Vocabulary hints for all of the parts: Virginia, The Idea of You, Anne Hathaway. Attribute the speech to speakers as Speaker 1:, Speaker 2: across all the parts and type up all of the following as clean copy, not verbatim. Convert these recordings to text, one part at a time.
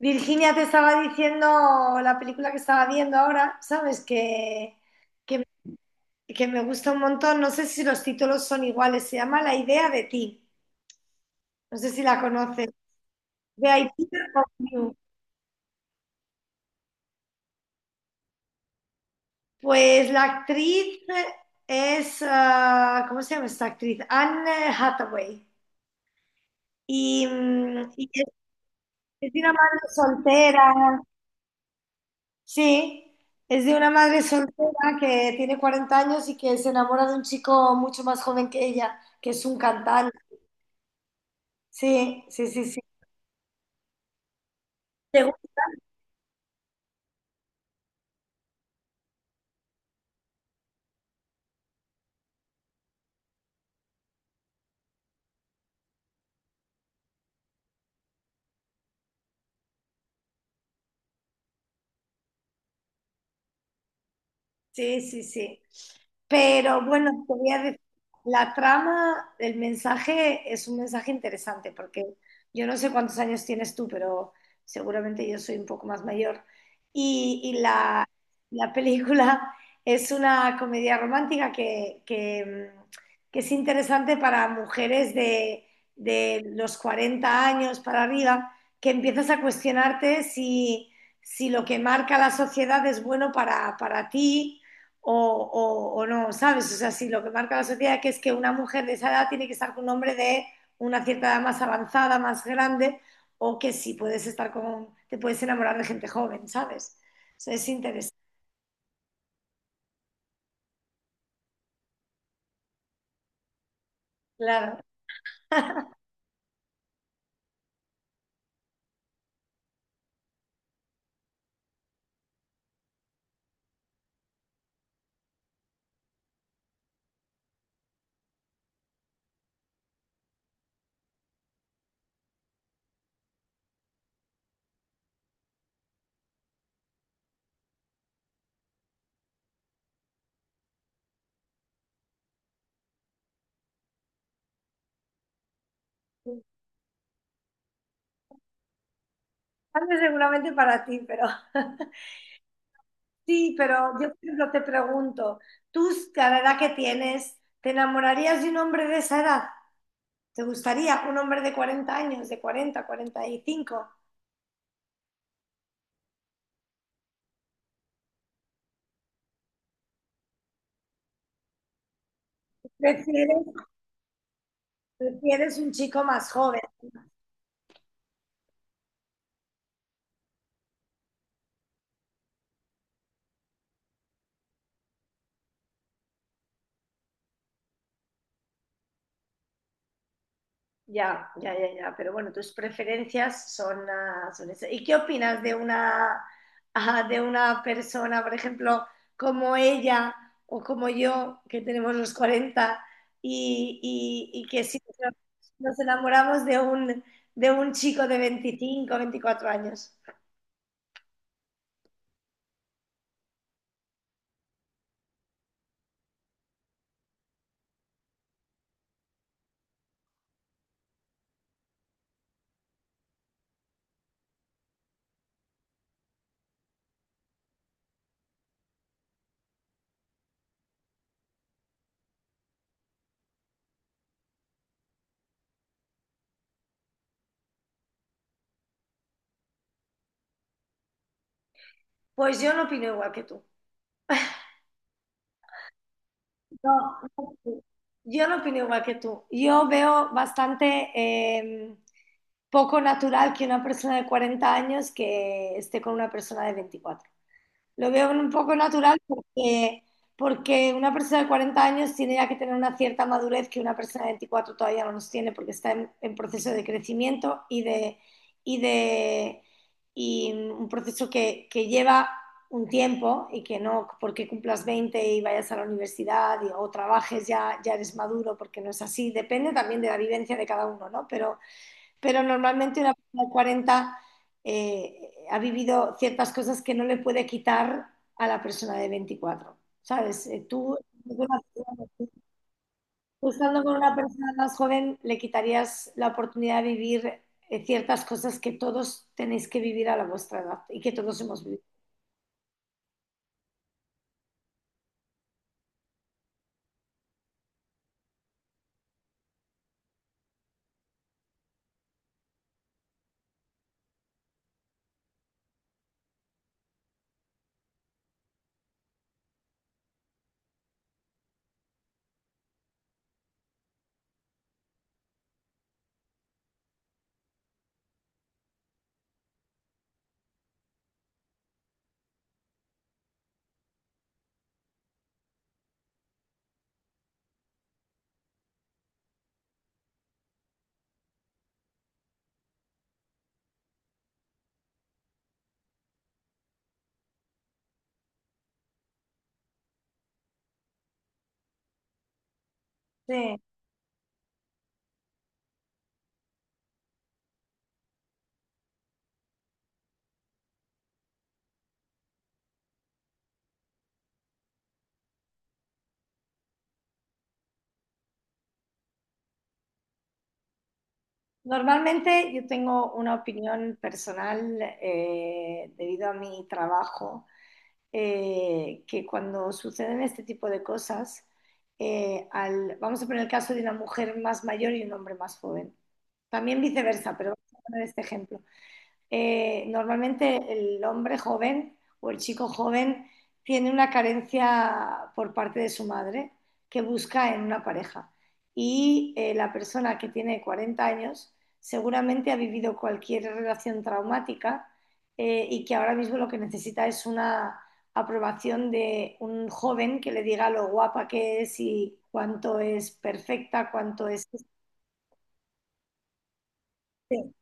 Speaker 1: Virginia, te estaba diciendo la película que estaba viendo ahora, ¿sabes? Que, que me gusta un montón. No sé si los títulos son iguales. Se llama La idea de ti. No sé si la conoces. The Idea of You. Pues la actriz es, ¿cómo se llama esta actriz? Anne Hathaway. Y es una madre soltera. Sí, es de una madre soltera que tiene 40 años y que se enamora de un chico mucho más joven que ella, que es un cantante. Sí, sí, sí, sí. Sí, sí, sí. Pero bueno, te voy a decir, la trama, el mensaje es un mensaje interesante porque yo no sé cuántos años tienes tú, pero seguramente yo soy un poco más mayor. Y la película es una comedia romántica que es interesante para mujeres de los 40 años para arriba, que empiezas a cuestionarte si lo que marca la sociedad es bueno para ti o no, ¿sabes? O sea, sí, lo que marca la sociedad que es que una mujer de esa edad tiene que estar con un hombre de una cierta edad más avanzada, más grande, o que sí puedes estar con, te puedes enamorar de gente joven, ¿sabes? Eso es interesante, claro. Antes seguramente para ti, pero sí, pero yo, por ejemplo, te pregunto, tú, a la edad que tienes, ¿te enamorarías de un hombre de esa edad? ¿Te gustaría un hombre de 40 años, de 40, 45? ¿Prefieres, prefieres un chico más joven? Ya, ya, ya, ya. Pero bueno, tus preferencias son, son esas. ¿Y qué opinas de una persona, por ejemplo, como ella o como yo, que tenemos los 40 y, y que sí, nos enamoramos de un chico de 25, 24 años? Pues yo no opino igual que tú. No, no, yo no opino igual que tú. Yo veo bastante, poco natural que una persona de 40 años que esté con una persona de 24. Lo veo un poco natural porque una persona de 40 años tiene ya que tener una cierta madurez que una persona de 24 todavía no los tiene porque está en proceso de crecimiento y de y un proceso que lleva un tiempo, y que no porque cumplas 20 y vayas a la universidad o trabajes ya, ya eres maduro, porque no es así. Depende también de la vivencia de cada uno, ¿no? Pero normalmente una persona de 40 ha vivido ciertas cosas que no le puede quitar a la persona de 24. ¿Sabes? Tú estando con una persona más joven le quitarías la oportunidad de vivir ciertas cosas que todos tenéis que vivir a la vuestra edad y que todos hemos vivido. Sí. Normalmente yo tengo una opinión personal, debido a mi trabajo, que cuando suceden este tipo de cosas, vamos a poner el caso de una mujer más mayor y un hombre más joven. También viceversa, pero vamos a poner este ejemplo. Normalmente el hombre joven o el chico joven tiene una carencia por parte de su madre que busca en una pareja. Y la persona que tiene 40 años seguramente ha vivido cualquier relación traumática, y que ahora mismo lo que necesita es una aprobación de un joven que le diga lo guapa que es y cuánto es perfecta, cuánto es este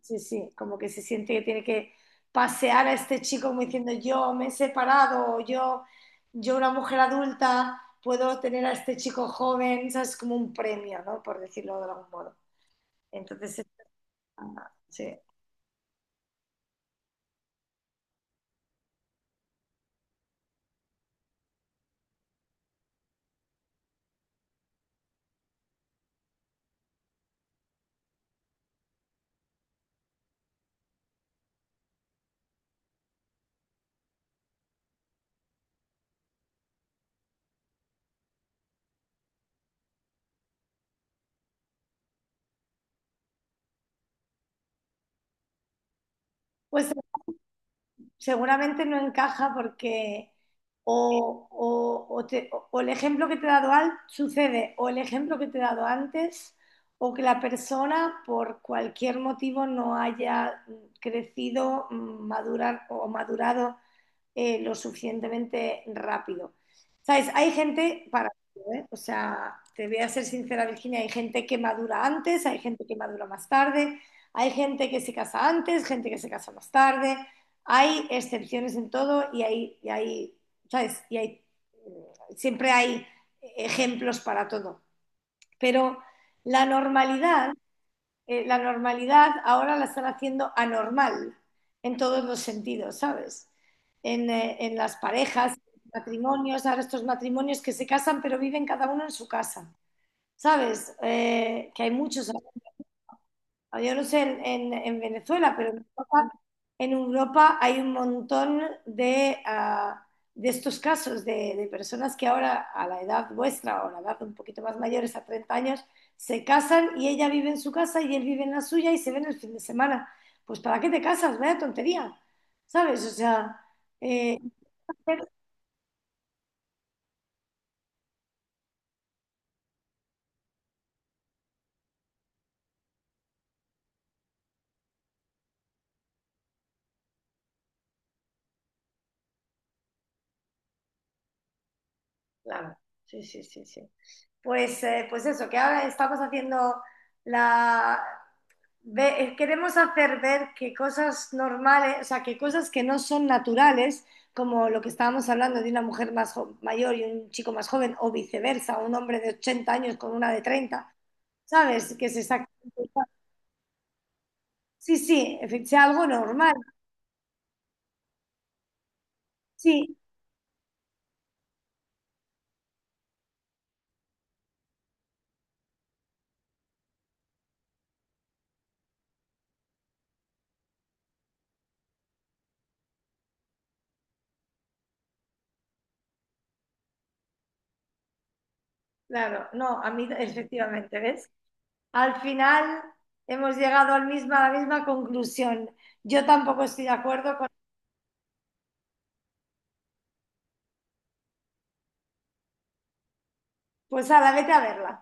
Speaker 1: Sí, sí, como que se siente que tiene que pasear a este chico como diciendo: yo me he separado, o yo, una mujer adulta, puedo tener a este chico joven, ¿sabes? Como un premio, ¿no? Por decirlo de algún modo. Entonces, sí. Pues seguramente no encaja porque el ejemplo que te he dado sucede, o el ejemplo que te he dado antes, o que la persona por cualquier motivo no haya crecido, mm, madurar o madurado, lo suficientemente rápido. ¿Sabes? Hay gente para todo, ¿eh? O sea, te voy a ser sincera, Virginia, hay gente que madura antes, hay gente que madura más tarde, hay gente que se casa antes, gente que se casa más tarde, hay excepciones en todo y hay, ¿sabes? Siempre hay ejemplos para todo. Pero la normalidad, ahora la están haciendo anormal en todos los sentidos, ¿sabes? En las parejas, matrimonios, ahora estos matrimonios que se casan pero viven cada uno en su casa, ¿sabes? Que hay muchos. Yo no sé en, en Venezuela, pero en Europa, hay un montón de estos casos de personas que ahora, a la edad vuestra o a la edad un poquito más mayores, a 30 años, se casan y ella vive en su casa y él vive en la suya y se ven el fin de semana. Pues, ¿para qué te casas? Vaya tontería, ¿sabes? O sea, eh, claro, sí, sí, sí, sí. Pues eso, que ahora estamos haciendo la... queremos hacer ver que cosas normales, o sea, que cosas que no son naturales, como lo que estábamos hablando de una mujer más mayor y un chico más joven, o viceversa, un hombre de 80 años con una de 30, ¿sabes? Que se saca. Sí, sí, sea algo normal. Sí, claro, no, a mí efectivamente, ¿ves? Al final hemos llegado a la misma conclusión. Yo tampoco estoy de acuerdo. Pues ahora vete a verla.